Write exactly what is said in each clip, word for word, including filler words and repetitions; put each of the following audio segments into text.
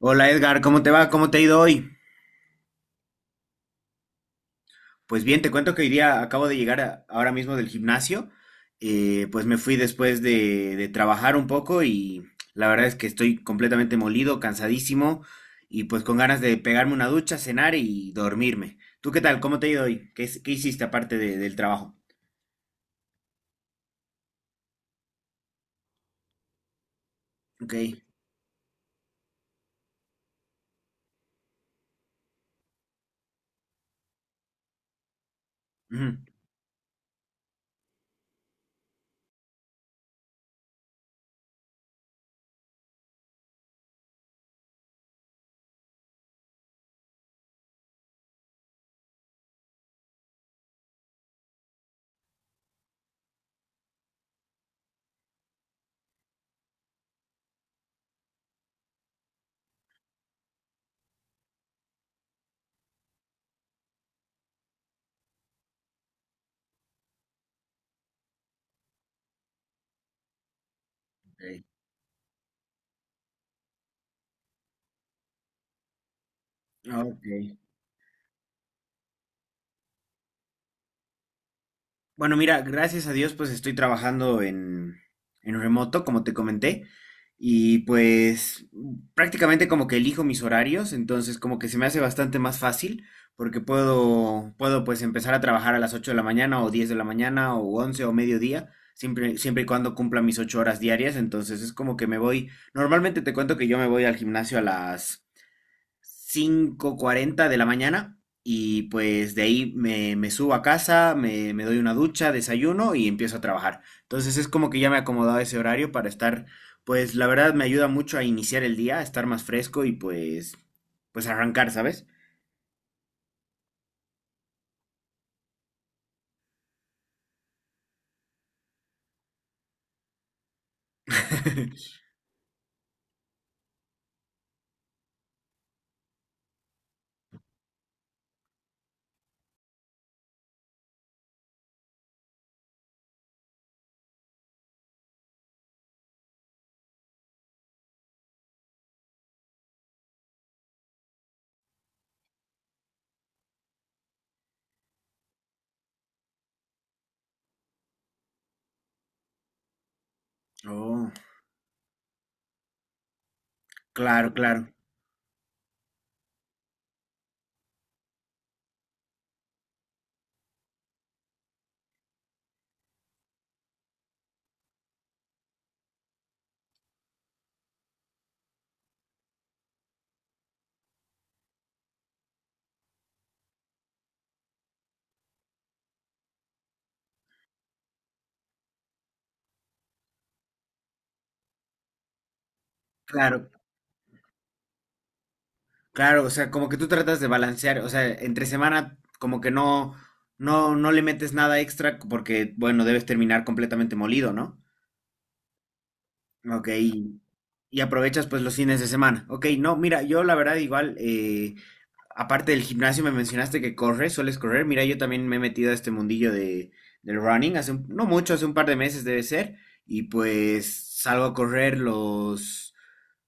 Hola Edgar, ¿cómo te va? ¿Cómo te ha ido hoy? Pues bien, te cuento que hoy día acabo de llegar a- ahora mismo del gimnasio. Eh, pues me fui después de, de trabajar un poco y la verdad es que estoy completamente molido, cansadísimo y pues con ganas de pegarme una ducha, cenar y dormirme. ¿Tú qué tal? ¿Cómo te ha ido hoy? ¿Qué, es- qué hiciste aparte de- del trabajo? Ok. Ujú. Ok. Ok. Bueno, mira, gracias a Dios, pues estoy trabajando en, en remoto, como te comenté, y pues prácticamente como que elijo mis horarios, entonces como que se me hace bastante más fácil, porque puedo, puedo pues empezar a trabajar a las ocho de la mañana o diez de la mañana o once o mediodía, siempre, siempre y cuando cumpla mis ocho horas diarias, entonces es como que me voy, normalmente te cuento que yo me voy al gimnasio a las cinco cuarenta de la mañana y pues de ahí me, me subo a casa, me, me doy una ducha, desayuno y empiezo a trabajar. Entonces es como que ya me he acomodado a ese horario para estar, pues la verdad me ayuda mucho a iniciar el día, a estar más fresco y pues, pues arrancar, ¿sabes? Oh, claro, claro, claro, claro, o sea, como que tú tratas de balancear, o sea, entre semana como que no, no, no le metes nada extra porque, bueno, debes terminar completamente molido, ¿no? Ok. Y aprovechas pues los fines de semana. Ok, no, mira, yo la verdad igual, eh, aparte del gimnasio me mencionaste que corres, sueles correr. Mira, yo también me he metido a este mundillo de, del running, hace un- no mucho, hace un par de meses debe ser. Y pues salgo a correr los,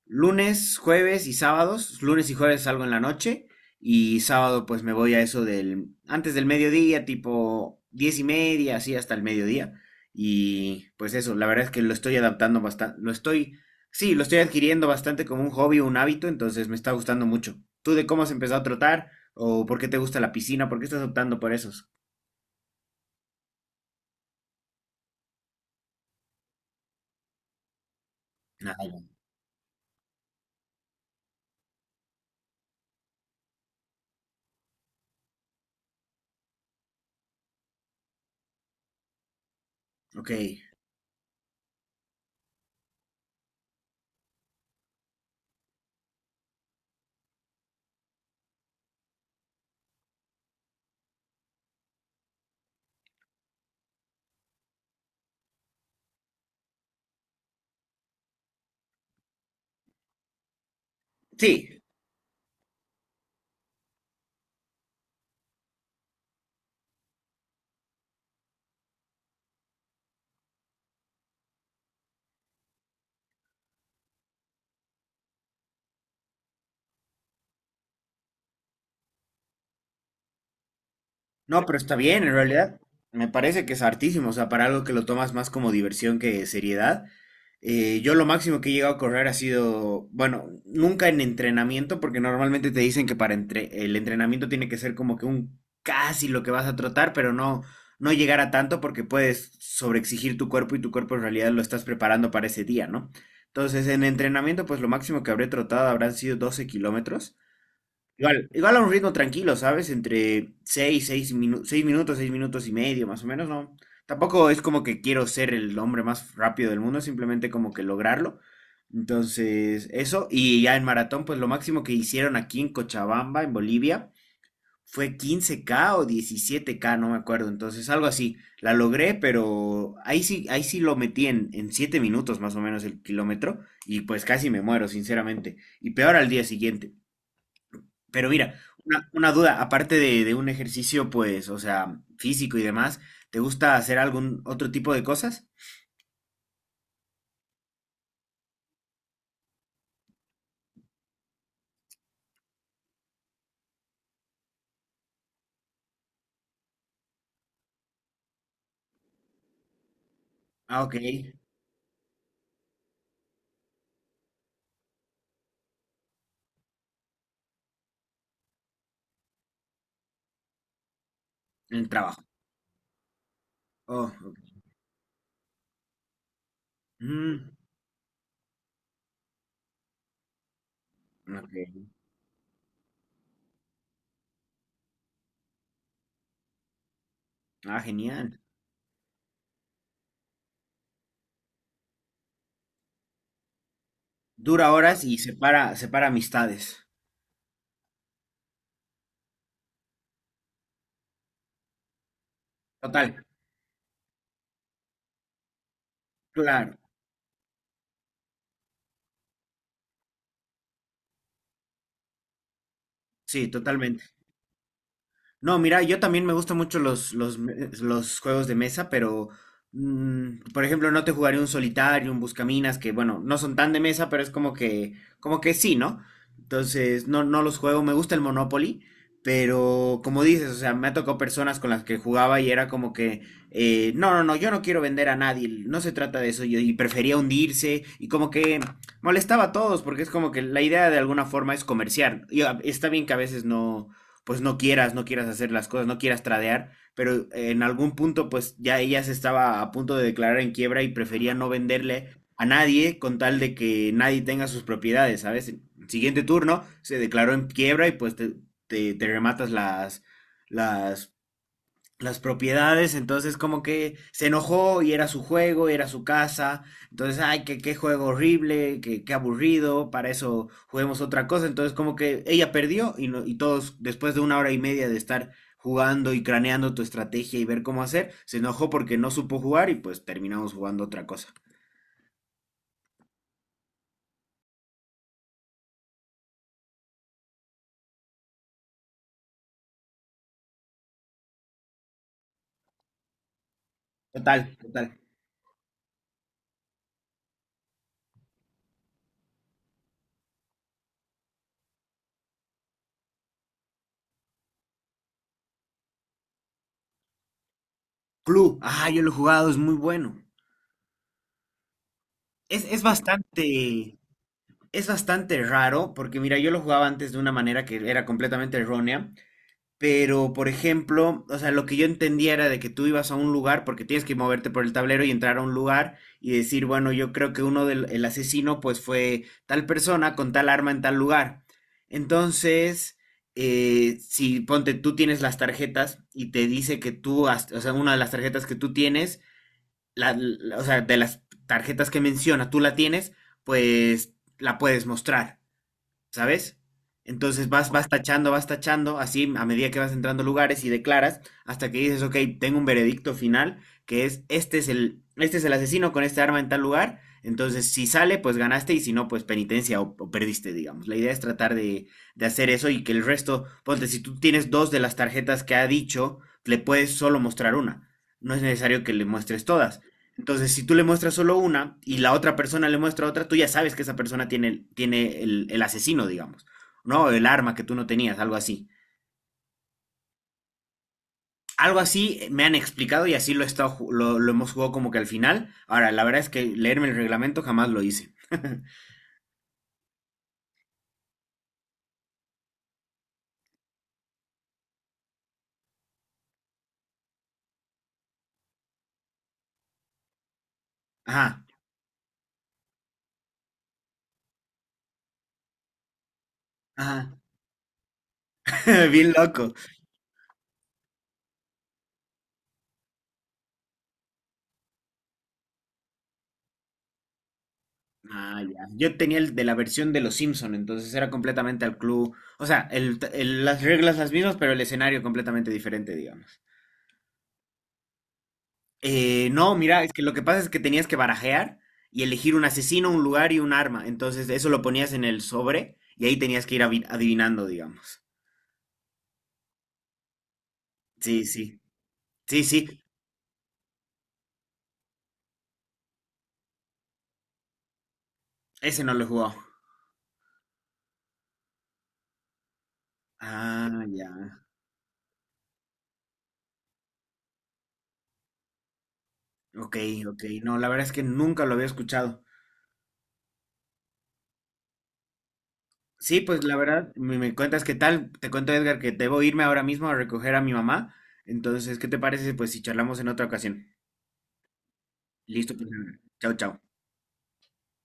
lunes, jueves y sábados. Lunes y jueves salgo en la noche y sábado pues me voy a eso del antes del mediodía, tipo diez y media, así hasta el mediodía. Y pues eso, la verdad es que lo estoy adaptando bastante, lo estoy, sí, lo estoy adquiriendo bastante como un hobby, un hábito, entonces me está gustando mucho. ¿Tú de cómo has empezado a trotar o por qué te gusta la piscina? ¿Por qué estás optando por esos? Nada. Ok. Sí. No, pero está bien, en realidad me parece que es hartísimo, o sea, para algo que lo tomas más como diversión que seriedad. Eh, yo lo máximo que he llegado a correr ha sido, bueno, nunca en entrenamiento, porque normalmente te dicen que para entre- el entrenamiento tiene que ser como que un casi lo que vas a trotar, pero no, no llegar a tanto porque puedes sobreexigir tu cuerpo y tu cuerpo en realidad lo estás preparando para ese día, ¿no? Entonces, en entrenamiento, pues lo máximo que habré trotado habrán sido doce kilómetros. Igual, igual a un ritmo tranquilo, ¿sabes? Entre seis seis minutos, seis minutos, seis minutos y medio, más o menos, ¿no? Tampoco es como que quiero ser el hombre más rápido del mundo, simplemente como que lograrlo. Entonces, eso. Y ya en maratón, pues lo máximo que hicieron aquí en Cochabamba, en Bolivia, fue quince K o diecisiete K, no me acuerdo. Entonces, algo así. La logré, pero ahí sí, ahí sí lo metí en, en siete minutos más o menos el kilómetro. Y pues casi me muero, sinceramente. Y peor al día siguiente. Pero mira, una, una duda, aparte de, de un ejercicio, pues, o sea, físico y demás, ¿te gusta hacer algún otro tipo de cosas? Ah, ok, en el trabajo. Oh, ok. Mm, ok. Ah, genial. Dura horas y separa, separa amistades. Total, claro, sí, totalmente. No, mira, yo también me gustan mucho los, los, me- los juegos de mesa, pero, mm, por ejemplo, no te jugaré un solitario, un buscaminas, que bueno, no son tan de mesa, pero es como que, como que sí, ¿no? Entonces, no, no los juego, me gusta el Monopoly, pero como dices, o sea, me ha tocado personas con las que jugaba y era como que, eh, no, no, no, yo no quiero vender a nadie, no se trata de eso, yo, y prefería hundirse, y como que molestaba a todos, porque es como que la idea de alguna forma es comerciar, y a- está bien que a veces no pues no quieras, no quieras hacer las cosas, no quieras tradear, pero en algún punto pues ya ella se estaba a punto de declarar en quiebra y prefería no venderle a nadie con tal de que nadie tenga sus propiedades, ¿sabes? El siguiente turno se declaró en quiebra y pues te, te, te rematas las, las las propiedades, entonces como que se enojó y era su juego, era su casa, entonces, ay, qué, qué juego horrible, qué, qué aburrido, para eso juguemos otra cosa, entonces como que ella perdió y, no- y todos, después de una hora y media de estar jugando y craneando tu estrategia y ver cómo hacer, se enojó porque no supo jugar y pues terminamos jugando otra cosa. Total, total. Clue, ah, yo lo he jugado, es muy bueno. Es, es bastante, es bastante raro, porque mira, yo lo jugaba antes de una manera que era completamente errónea. Pero, por ejemplo, o sea, lo que yo entendía era de que tú ibas a un lugar, porque tienes que moverte por el tablero y entrar a un lugar y decir, bueno, yo creo que uno del el asesino, pues fue tal persona con tal arma en tal lugar. Entonces, eh, si ponte, tú tienes las tarjetas y te dice que tú, has- o sea, una de las tarjetas que tú tienes, la- la- o sea, de las tarjetas que menciona, tú la tienes, pues la puedes mostrar. ¿Sabes? Entonces vas, vas tachando, vas tachando, así a medida que vas entrando a lugares y declaras, hasta que dices, ok, tengo un veredicto final, que es, este es el, este es el asesino con este arma en tal lugar, entonces si sale, pues ganaste, y si no, pues penitencia o, o perdiste, digamos. La idea es tratar de, de hacer eso y que el resto, ponte, si tú tienes dos de las tarjetas que ha dicho, le puedes solo mostrar una. No es necesario que le muestres todas. Entonces, si tú le muestras solo una y la otra persona le muestra otra, tú ya sabes que esa persona tiene, el- tiene el, el asesino, digamos, ¿no? El arma que tú no tenías, algo así. Algo así eh, me han explicado y así lo, he estado ju- lo, lo hemos jugado como que al final. Ahora, la verdad es que leerme el reglamento jamás lo hice. Ajá, ajá. Bien loco. Ah, ya. Yo tenía el de la versión de los Simpson, entonces era completamente al club. O sea, el- el- las reglas las mismas, pero el escenario completamente diferente, digamos. Eh, no, mira, es que lo que pasa es que tenías que barajear y elegir un asesino, un lugar y un arma. Entonces, eso lo ponías en el sobre y ahí tenías que ir avi- adivinando, digamos. Sí, sí, sí, sí, ese no lo he jugado. Ah, ya. Ok, ok. No, la verdad es que nunca lo había escuchado. Sí, pues la verdad, me, me cuentas qué tal. Te cuento, Edgar, que debo irme ahora mismo a recoger a mi mamá. Entonces, ¿qué te parece? si, Pues si charlamos en otra ocasión. Listo, pues, Edgar. Chao, chao.